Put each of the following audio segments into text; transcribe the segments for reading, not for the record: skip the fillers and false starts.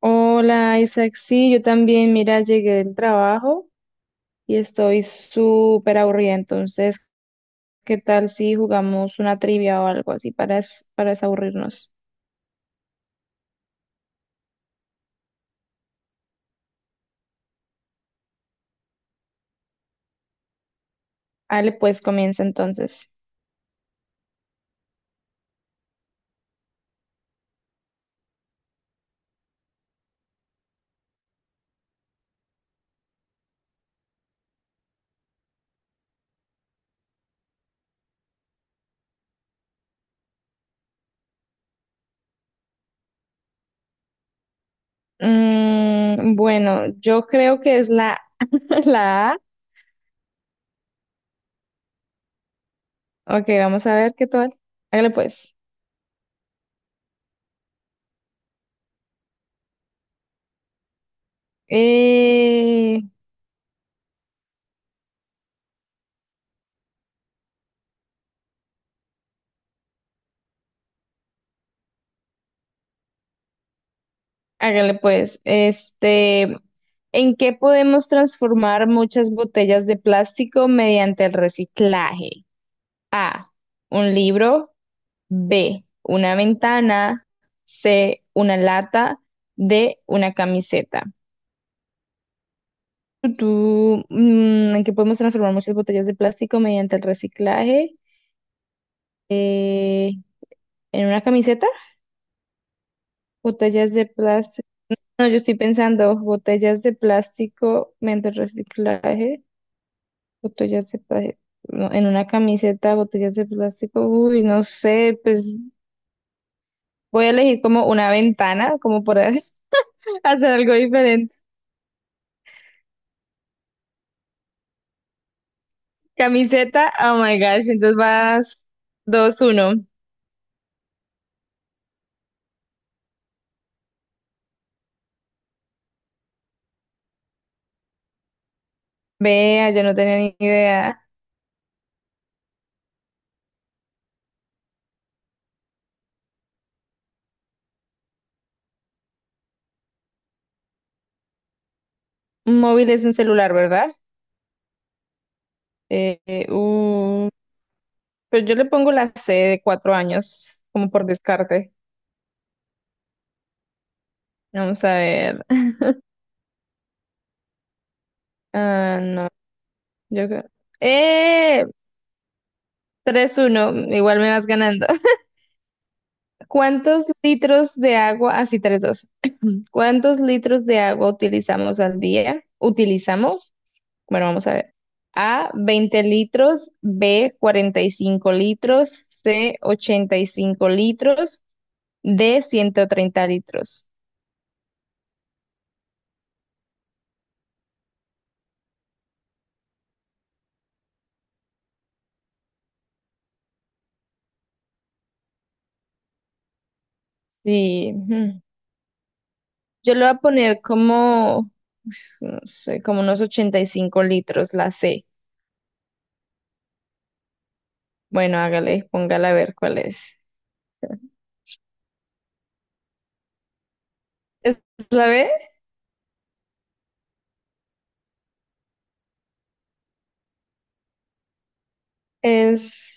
Hola Isaac, sí, yo también, mira, llegué del trabajo y estoy súper aburrida, entonces, ¿qué tal si jugamos una trivia o algo así para desaburrirnos? Ale, pues comienza entonces. Bueno, yo creo que es la, la A. Ok, vamos a ver qué tal. Hágale pues. Eh, hágale pues. ¿en qué podemos transformar muchas botellas de plástico mediante el reciclaje? A, un libro, B, una ventana, C, una lata, D, una camiseta. Tú, en que podemos transformar muchas botellas de plástico mediante el reciclaje. Eh, ¿en una camiseta? Botellas de plástico. No, yo estoy pensando botellas de plástico mediante el reciclaje. Botellas de plástico. ¿No? En una camiseta, botellas de plástico. Uy, no sé, pues voy a elegir como una ventana, como por ahí. Hacer algo diferente. Camiseta, oh my gosh, entonces vas 2-1. Vea, yo no tenía ni idea. Un móvil es un celular, ¿verdad? Eh, eh, uh, pero yo le pongo la C de 4 años, como por descarte. Vamos a ver. Ah, no, yo creo. eh 3-1, igual me vas ganando. ¿Cuántos litros de agua? Así, 3-2. ¿Cuántos litros de agua utilizamos al día? ¿Utilizamos? Bueno, vamos a ver. A, 20 litros, B, 45 litros, C, 85 litros, D, 130 litros. Sí, ujú. Yo le voy a poner como, pues, no sé, como unos 85 litros, la C. Bueno, hágale, póngala a ver cuál es. ¿Es la B? Es,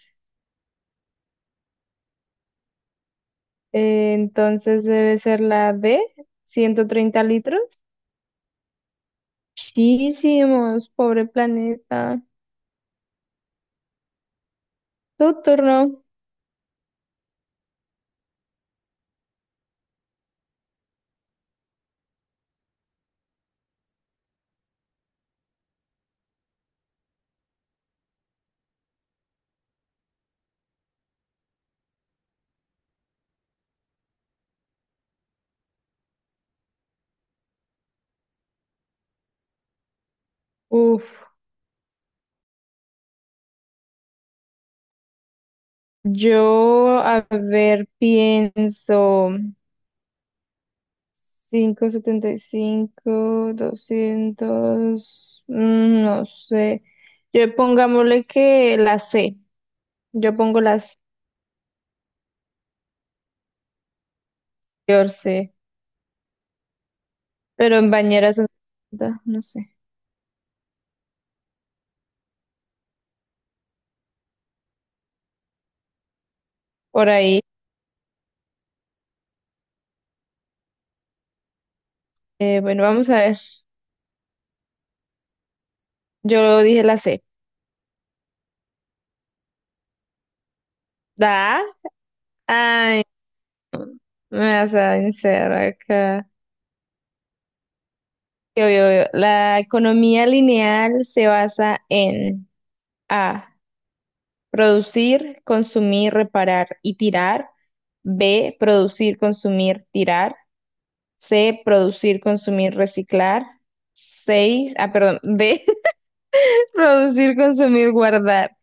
entonces debe ser la D, 130 litros. Muchísimos, pobre planeta. Tu turno. Uf. Yo, a ver, pienso 575, 200, no sé. Yo pongámosle que la C. Yo pongo la C, yo C, pero en bañeras son 50, no sé. Por ahí. Bueno, vamos a ver. Yo dije la C. ¿Da? Ay, me vas a vencer acá. Yo. La economía lineal se basa en A. Producir, consumir, reparar y tirar. B. Producir, consumir, tirar. C. Producir, consumir, reciclar. 6. Ah, perdón. D. Producir, consumir, guardar.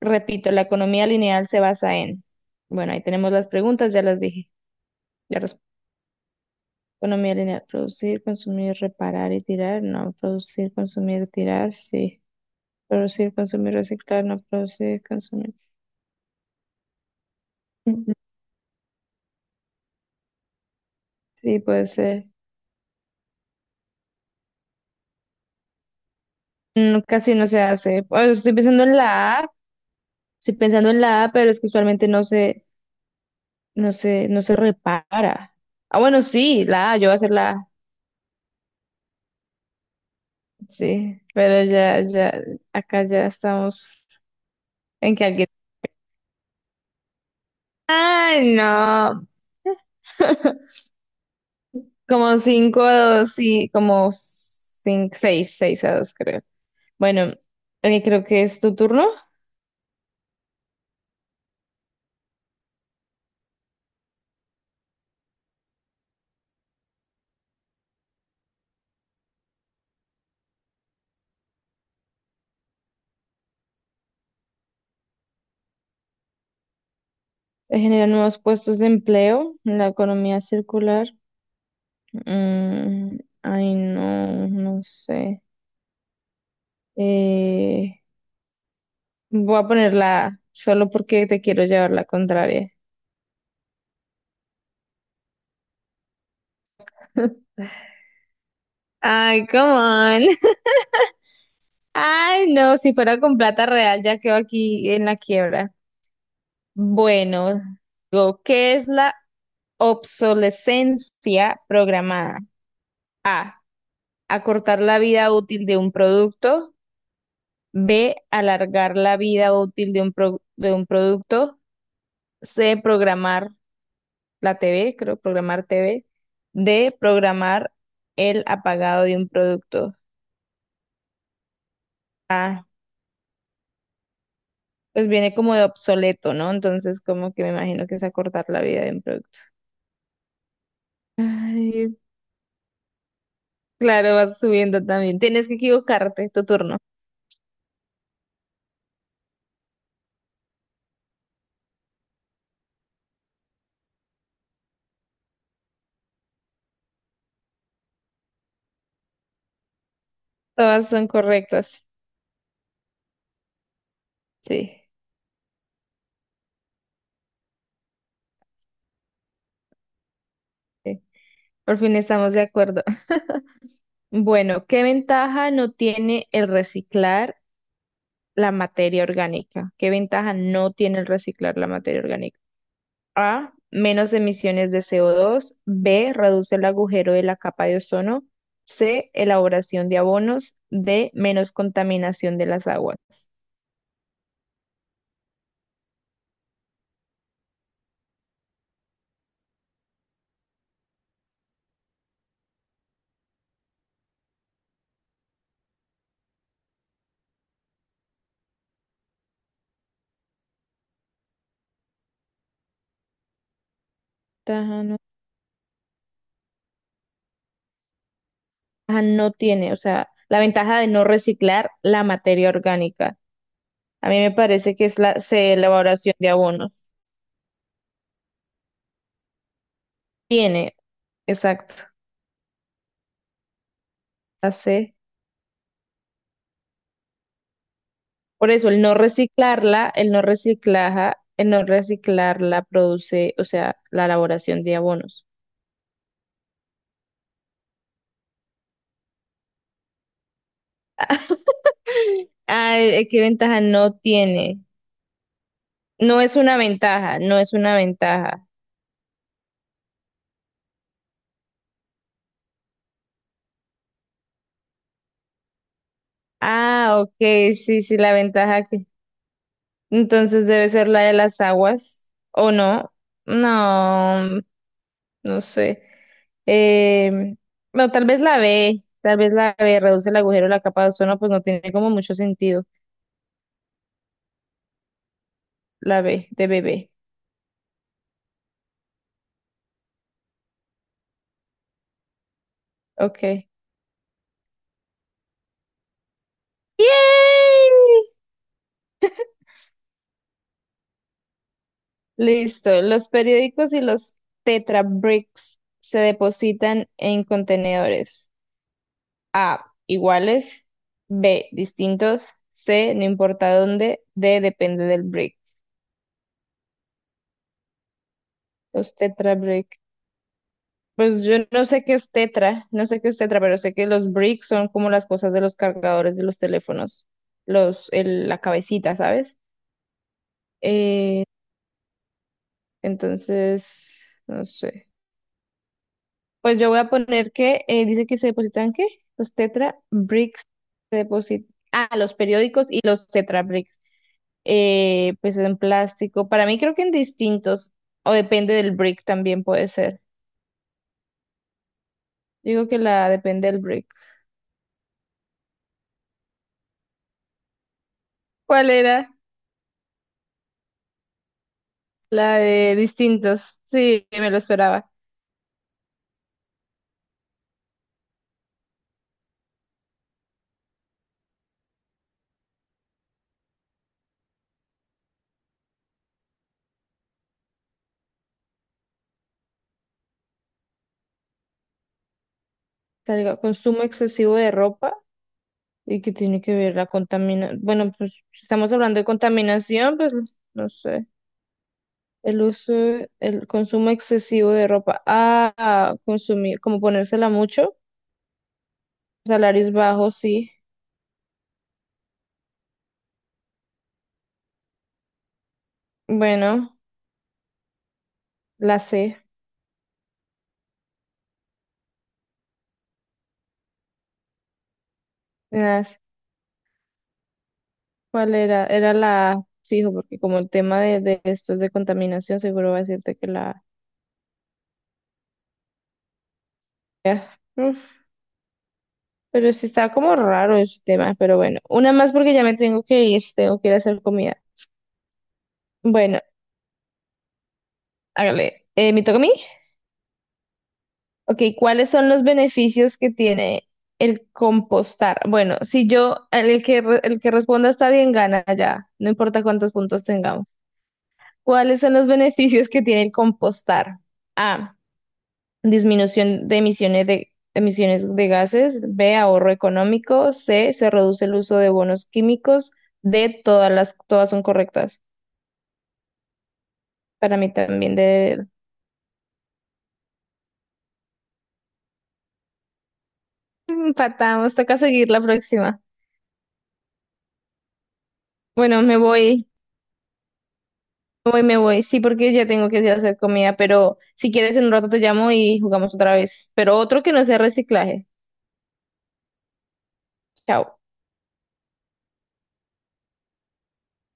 Repito, la economía lineal se basa en. Bueno, ahí tenemos las preguntas, ya las dije. La resp- Economía lineal. Producir, consumir, reparar y tirar. No. Producir, consumir, tirar. Sí. Producir, consumir, reciclar. No. Producir, consumir. Sí, puede ser. No, casi no se hace. Pues, Estoy pensando en la A, estoy pensando en la A, pero es que usualmente no se repara. Ah, bueno, sí, la A, yo voy a hacer la A. Sí, pero ya, ya, acá ya estamos en que alguien. Ay, no. Como 5-2, sí, como cinco, seis, 6-2, creo. Bueno, creo que es tu turno. Genera nuevos puestos de empleo, la economía circular. mm, Ay, no, no sé. Eh, Voy a poner la A, solo porque te quiero llevar la contraria. Ay, come on. Ay, no, si fuera con plata real ya quedo aquí en la quiebra. Bueno, digo, ¿qué es la obsolescencia programada? A, acortar la vida útil de un producto. B, alargar la vida útil de de un producto. C, programar la TV, creo, programar TV. D, programar el apagado de un producto. Ah, pues viene como de obsoleto, ¿no? Entonces, como que me imagino que es acortar la vida de un producto. Ay, claro, vas subiendo también. Tienes que equivocarte, tu turno. Todas son correctas. Sí, sí. Por fin estamos de acuerdo. Bueno, ¿qué ventaja no tiene el reciclar la materia orgánica? ¿Qué ventaja no tiene el reciclar la materia orgánica? A, menos emisiones de CO2. B, reduce el agujero de la capa de ozono. C, elaboración de abonos. D, menos contaminación de las aguas. Ventaja no, ventaja no tiene, o sea, la ventaja de no reciclar la materia orgánica. A mí me parece que es la C, elaboración de abonos. Tiene, exacto, la C. Por eso el no reciclarla, el no reciclaja, el no reciclarla produce, o sea, la elaboración de abonos. ¿qué ventaja no tiene? No es una ventaja, no es una ventaja. Ah, ok, sí, sí, la ventaja que. Entonces debe ser la de las aguas, ¿o no? No, no sé. Eh, no, tal vez la B, tal vez la B reduce el agujero, la capa de ozono, pues no tiene como mucho sentido. La B, de bebé. Ok. ¡Yay! Listo. Los periódicos y los Tetra Bricks se depositan en contenedores. A. Iguales. B. Distintos. C. No importa dónde. D. Depende del brick. Los Tetra Brick. Pues yo no sé qué es Tetra, no sé qué es Tetra, pero sé que los bricks son como las cosas de los cargadores de los teléfonos, la cabecita, ¿sabes? Eh, entonces, no sé. Pues yo voy a poner que dice que se depositan ¿qué? Los Tetra Bricks se depositan. Ah, los periódicos y los Tetra Bricks. Pues en plástico. Para mí creo que en distintos. O depende del brick también puede ser. Digo que la depende del brick. ¿Cuál era? La de distintos. Sí, me lo esperaba. Consumo excesivo de ropa. ¿Y que tiene que ver la contaminación? Bueno, pues si estamos hablando de contaminación, pues no sé. El uso, el consumo excesivo de ropa. Ah, consumir, como ponérsela mucho. Salarios bajos, sí. Bueno, la C. Las- ¿Cuál era? Era la A, fijo, porque como el tema de estos de contaminación, seguro va a decirte que la A. Ya, uf, pero sí está como raro ese tema, pero bueno. Una más porque ya me tengo que ir a hacer comida. Bueno, hágale. ¿me toca a mí? Ok, ¿cuáles son los beneficios que tiene el compostar? Bueno, si yo, el que, re- el que responda está bien, gana ya, no importa cuántos puntos tengamos. ¿Cuáles son los beneficios que tiene el compostar? A, disminución de emisiones de gases. B, ahorro económico. C, se reduce el uso de bonos químicos. D, todas son correctas. Para mí también, empatamos, toca seguir la próxima. Bueno, me voy. Me voy, me voy. Sí, porque ya tengo que ir a hacer comida, pero si quieres en un rato te llamo y jugamos otra vez. Pero otro que no sea reciclaje. Chao.